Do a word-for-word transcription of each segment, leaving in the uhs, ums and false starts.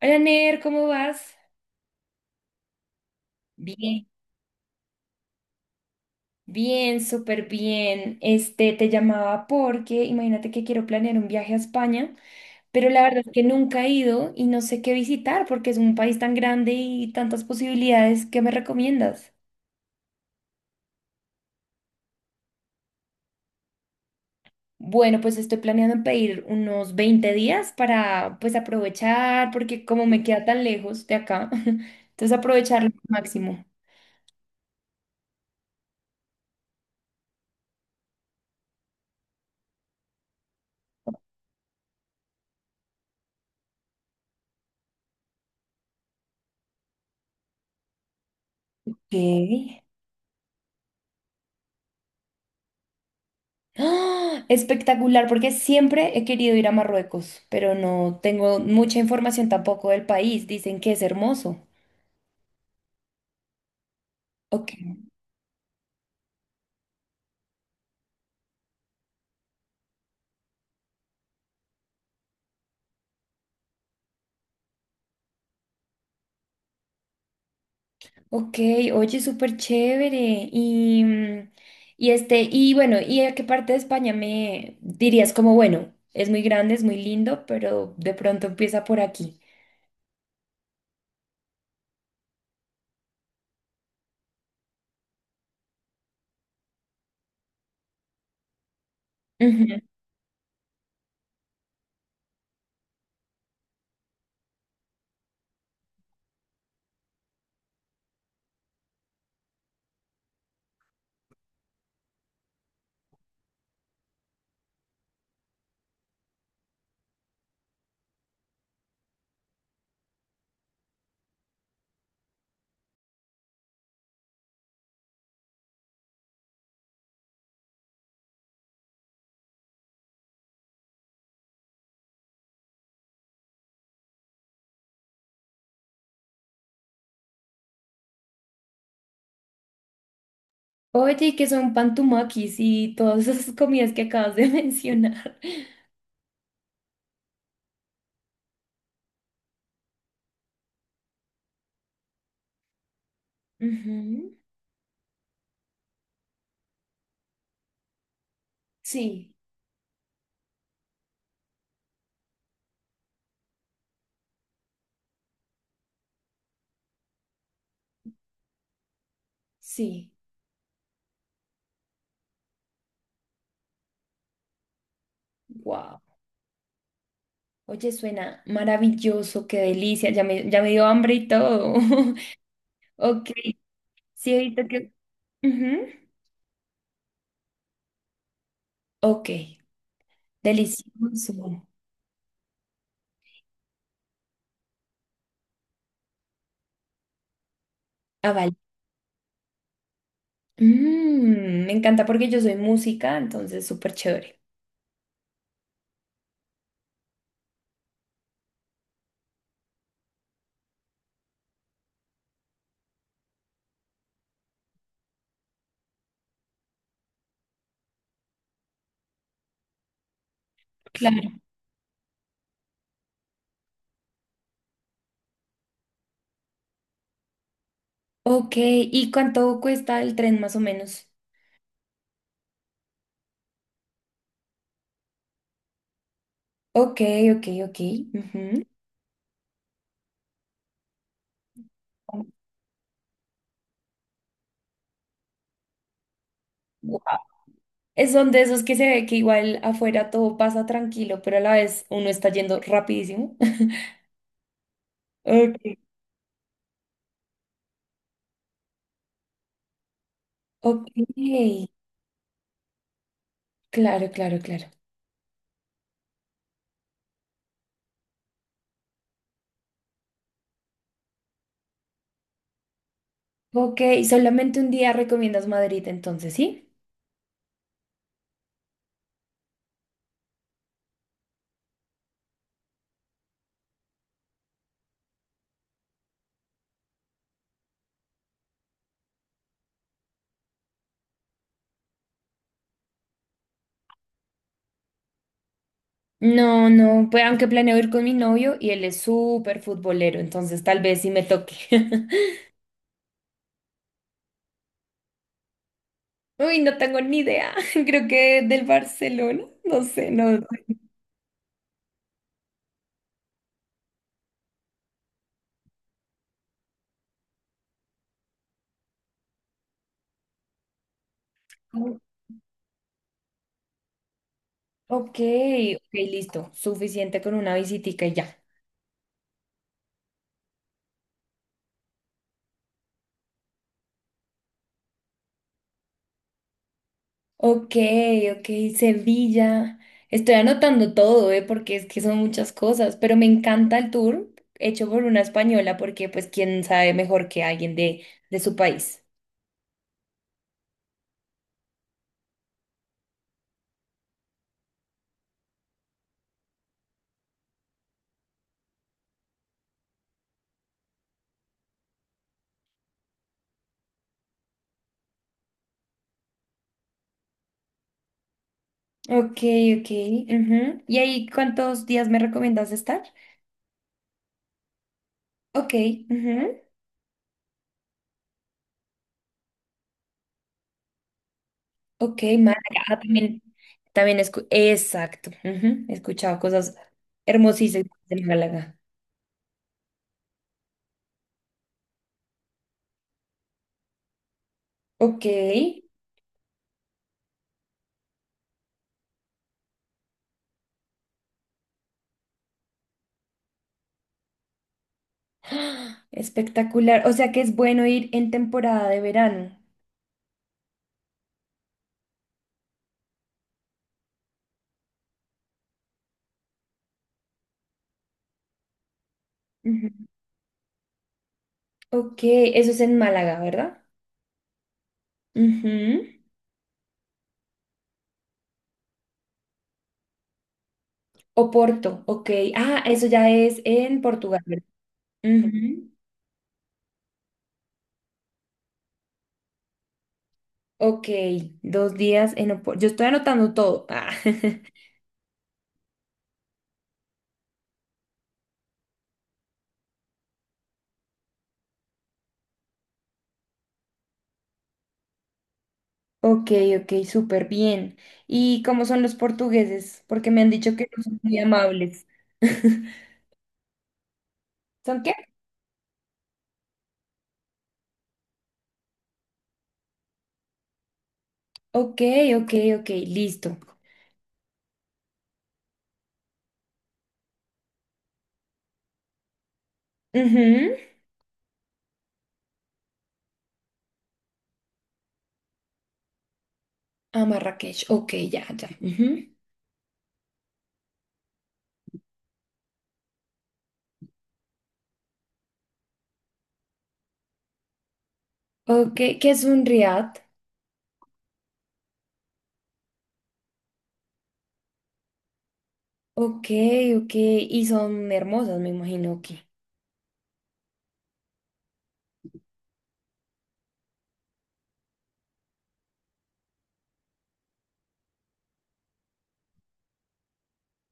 Hola Ner, ¿cómo vas? Bien, bien, súper bien. Este, te llamaba porque imagínate que quiero planear un viaje a España, pero la verdad es que nunca he ido y no sé qué visitar porque es un país tan grande y tantas posibilidades. ¿Qué me recomiendas? Bueno, pues estoy planeando en pedir unos veinte días para pues aprovechar porque como me queda tan lejos de acá, entonces aprovechar lo máximo. Ok. ¡Ah! Espectacular, porque siempre he querido ir a Marruecos, pero no tengo mucha información tampoco del país. Dicen que es hermoso. Ok, ok, oye, súper chévere. Y, mm, y este, y bueno, ¿y a qué parte de España me dirías como, bueno, es muy grande, es muy lindo, pero de pronto empieza por aquí? Ujú. Oye, ¿y qué son pantumakis y todas esas comidas que acabas de mencionar? Ujú. Sí, sí. Wow. Oye, suena maravilloso, qué delicia, ya me, ya me dio hambre y todo. Ok, sí, ahorita que... Ujú. Ok, delicioso. Ah, vale. Mm, me encanta porque yo soy música, entonces súper chévere. Claro. Ok, ¿y cuánto cuesta el tren más o menos? Ok, ok, ok. Ujú. Guau. Es son de esos que se ve que igual afuera todo pasa tranquilo, pero a la vez uno está yendo rapidísimo. Ok, ok. Claro, claro, claro. Ok, solamente un día recomiendas Madrid entonces, ¿sí? No, no, pues aunque planeo ir con mi novio y él es súper futbolero, entonces tal vez sí me toque. Uy, no tengo ni idea. Creo que del Barcelona, no sé, no. No. Ok, ok, listo. Suficiente con una visitica y ya. Ok, ok, Sevilla. Estoy anotando todo, ¿eh? Porque es que son muchas cosas, pero me encanta el tour hecho por una española porque pues quién sabe mejor que alguien de, de su país. Ok, ok. Ujú. ¿Y ahí cuántos días me recomiendas estar? Ok, ujú. Ok, Málaga. Ah, también, también escu- exacto. Ujú, he escuchado cosas hermosísimas de Málaga. Ok. ¡Ah! Espectacular. O sea que es bueno ir en temporada de verano. Ujú. Ok, eso es en Málaga, ¿verdad? Ujú. O Porto, ok. Ah, eso ya es en Portugal, ¿verdad? Ujú. Ok, dos días en Oporto. Yo estoy anotando todo. Ah. Ok, ok, súper bien. ¿Y cómo son los portugueses? Porque me han dicho que no son muy amables. ¿Son qué? Ok, ok, ok, listo. Ujú. A Marrakech, ok, ya, ya. Ujú. Ok, ¿qué es un riad? Ok, ok. Y son hermosas, me imagino que.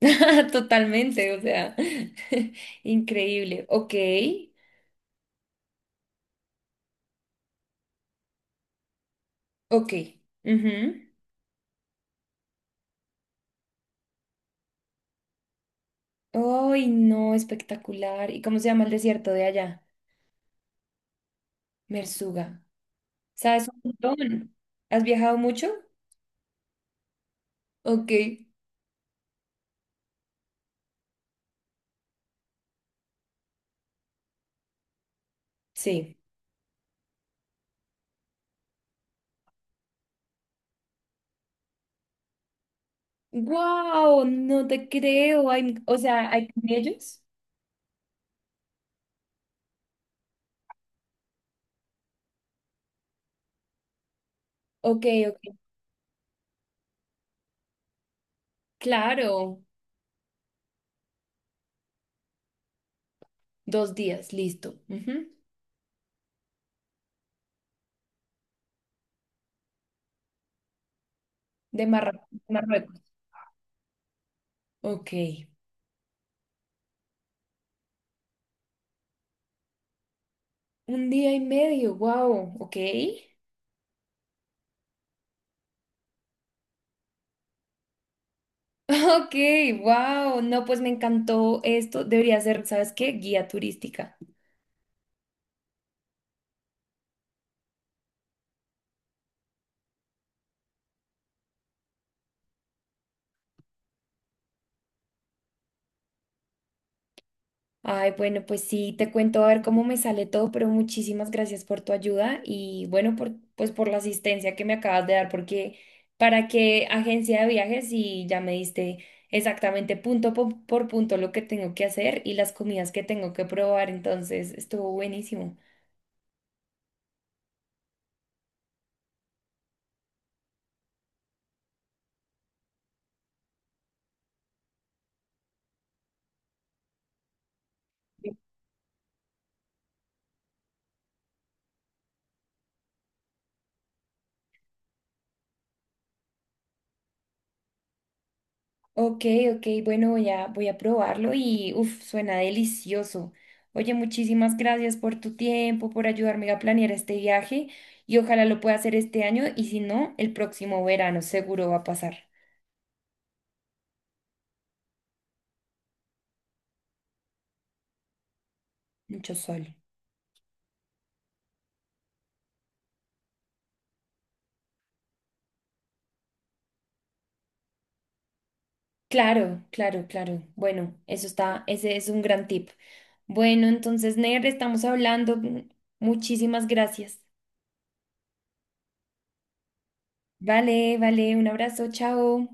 Totalmente, o sea, increíble. Ok, ok. Ujú. Ay, no, espectacular. ¿Y cómo se llama el desierto de allá? Mersuga. ¿Sabes un montón? ¿Has viajado mucho? Ok, sí. Wow, no te creo. ¿Hay, o sea, ¿hay camellos? Ok, ok. Claro. Dos días, listo. Ujú. De Marra- Marruecos. Ok. Un día y medio, wow, ok. Ok, wow, no, pues me encantó esto. Debería ser, ¿sabes qué? Guía turística. Ay, bueno, pues sí, te cuento a ver cómo me sale todo, pero muchísimas gracias por tu ayuda y bueno, por, pues por la asistencia que me acabas de dar, porque para qué agencia de viajes y ya me diste exactamente punto po- por punto lo que tengo que hacer y las comidas que tengo que probar, entonces estuvo buenísimo. Ok, ok, bueno, voy a, voy a probarlo y uff, suena delicioso. Oye, muchísimas gracias por tu tiempo, por ayudarme a planear este viaje y ojalá lo pueda hacer este año y si no, el próximo verano seguro va a pasar mucho sol. Claro, claro, claro. Bueno, eso está, ese es un gran tip. Bueno, entonces, Ner, estamos hablando. Muchísimas gracias. Vale, vale, un abrazo, chao.